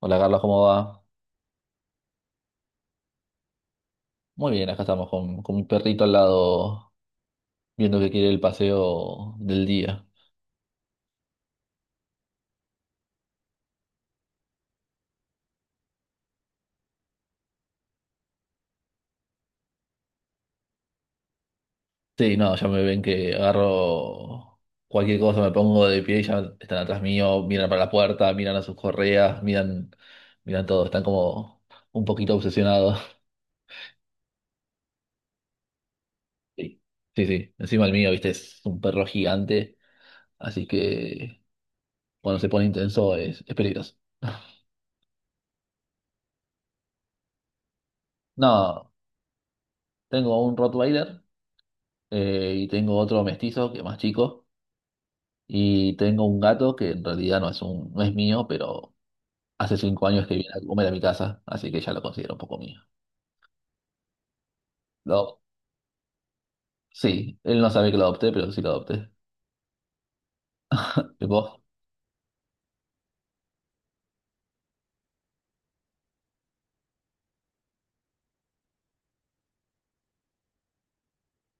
Hola Carlos, ¿cómo va? Muy bien, acá estamos con mi perrito al lado, viendo que quiere el paseo del día. Sí, no, ya me ven que agarro cualquier cosa, me pongo de pie y ya están atrás mío, miran para la puerta, miran a sus correas, miran todo, están como un poquito obsesionados. Sí, sí, sí. Encima el mío, viste, es un perro gigante, así que cuando se pone intenso es peligroso. No, tengo un Rottweiler y tengo otro mestizo que es más chico. Y tengo un gato que en realidad no es mío, pero hace 5 años que viene a comer a mi casa, así que ya lo considero un poco mío. Lo, sí, él no sabe que lo adopté, pero sí lo adopté. ¿Y vos?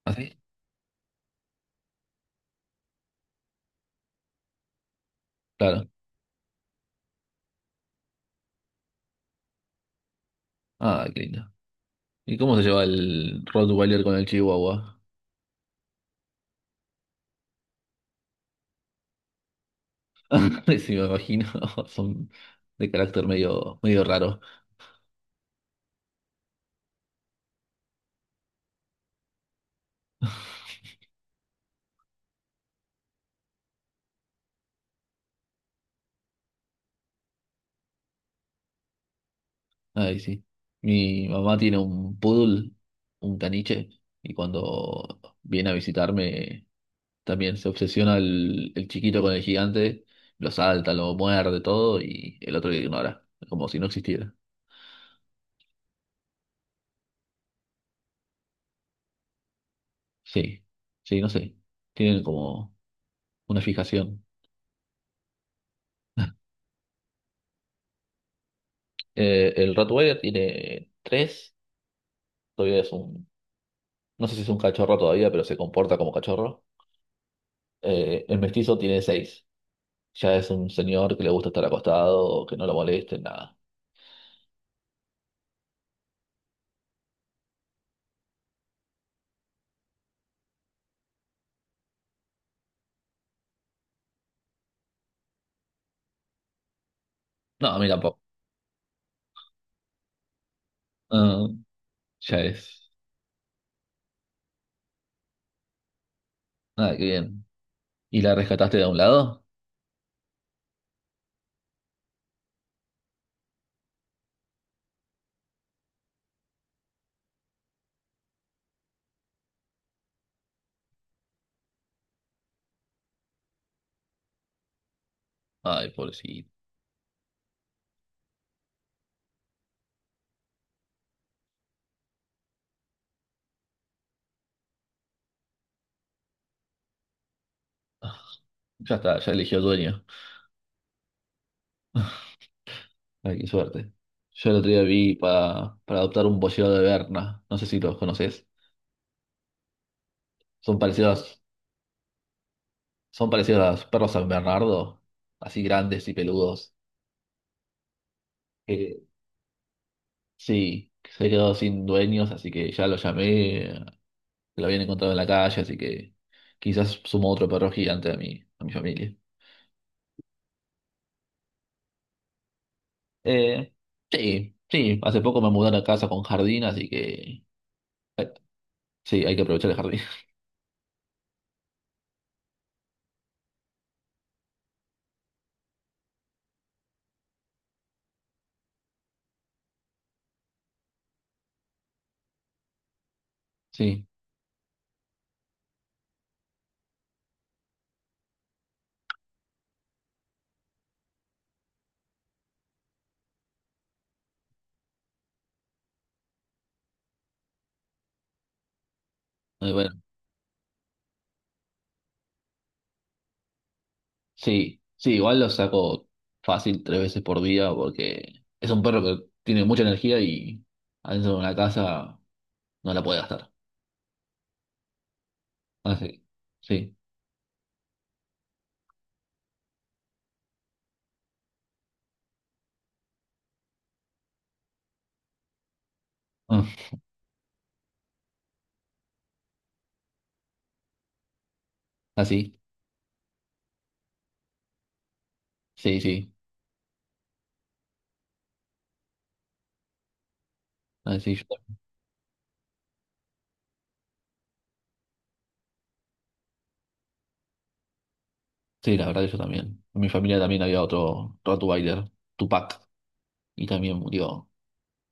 ¿Así? Claro. Ah, qué lindo. ¿Y cómo se lleva el Rottweiler con el Chihuahua? Sí, me imagino. Son de carácter medio raro. Ay, sí. Mi mamá tiene un poodle, un caniche, y cuando viene a visitarme también se obsesiona el chiquito con el gigante, lo salta, lo muerde, todo, y el otro lo ignora, como si no existiera. Sí, sí, no sé. Tienen como una fijación. El Rottweiler tiene 3, todavía es un, no sé si es un cachorro todavía, pero se comporta como cachorro. El mestizo tiene 6, ya es un señor que le gusta estar acostado, que no lo molesten, nada. No, a mí tampoco. Ah, ya es. Ah, qué bien. ¿Y la rescataste de un lado? Ay, pobrecito. Ya está, ya eligió dueño. Ay, qué suerte. Yo el otro día vi para adoptar un boyero de Berna. No sé si los conoces. Son parecidos, son parecidos a los perros San Bernardo, así grandes y peludos. Eh, sí, que se quedó sin dueños, así que ya lo llamé, lo habían encontrado en la calle, así que quizás sumo otro perro gigante a a mi familia. Eh, sí, sí, hace poco me mudaron a casa con jardín, así que eh, sí, hay que aprovechar el jardín. Sí, sí, sí, igual lo saco fácil 3 veces por día porque es un perro que tiene mucha energía y adentro de una casa no la puede gastar. Así, sí, ah, así, sí, sí, así yo- sí, la verdad que yo también. En mi familia también había otro Rottweiler, Tupac, y también murió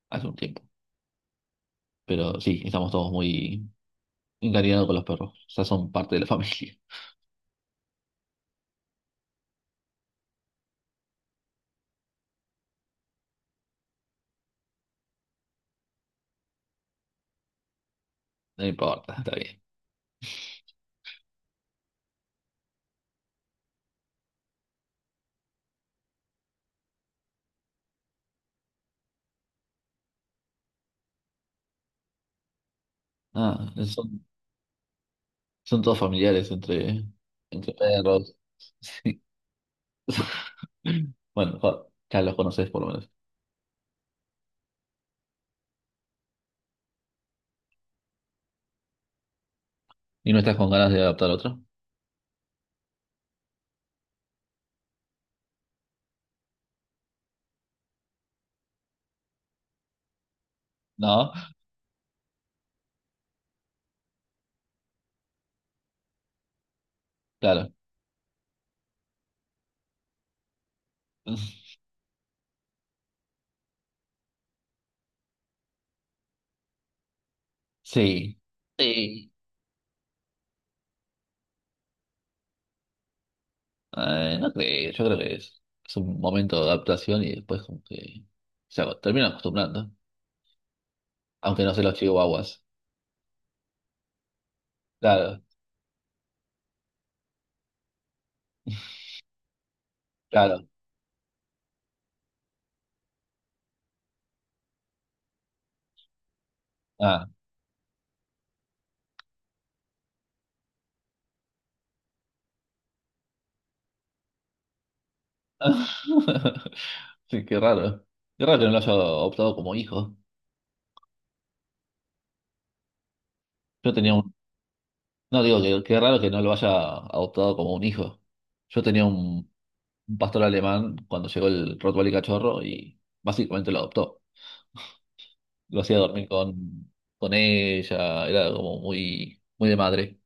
hace un tiempo. Pero sí, estamos todos muy encariñados con los perros, o sea, son parte de la familia. No importa, está bien. Ah, son Son todos familiares entre perros. Sí. Bueno, ya los conoces por lo menos. ¿Y no estás con ganas de adoptar otro? No, claro. Sí. Sí. No creo, yo creo que es un momento de adaptación y después como que terminan acostumbrando. Aunque no sé los chihuahuas. Claro, claro. Ah, sí, qué raro. Qué raro que no lo haya adoptado como hijo. Yo tenía No, digo que qué raro que no lo haya adoptado como un hijo. Yo tenía un pastor alemán cuando llegó el Rottweiler cachorro y básicamente lo adoptó. Lo hacía dormir con ella, era como muy de madre.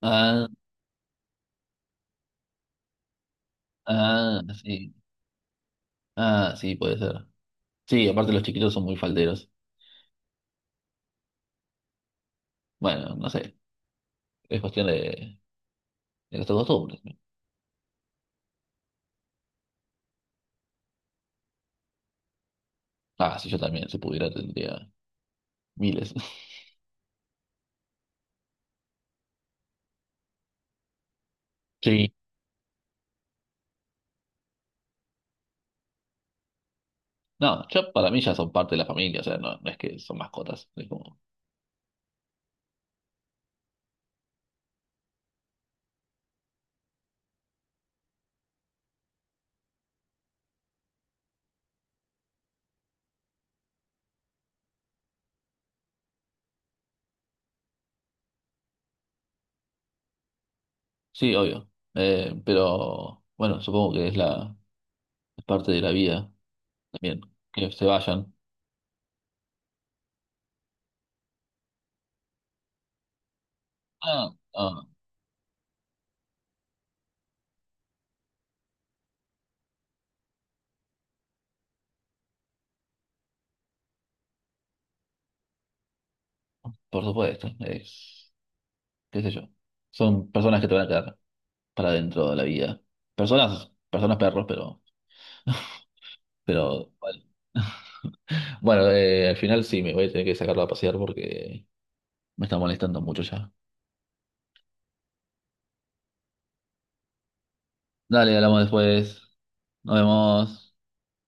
Ah, ah, sí. Ah, sí, puede ser. Sí, aparte los chiquitos son muy falderos. Bueno, no sé, es cuestión de nuestras costumbres, ¿no? Ah, si yo también, si pudiera, tendría miles. Sí. No, yo para mí ya son parte de la familia, o sea, no es que son mascotas, es como... Sí, obvio. Pero bueno, supongo que es la es parte de la vida también, que se vayan. Ah, ah, por supuesto, es, qué sé yo. Son personas que te van a quedar para dentro de la vida. Personas, personas perros, pero bueno. Bueno, al final sí me voy a tener que sacarlo a pasear porque me está molestando mucho ya. Dale, hablamos después. Nos vemos.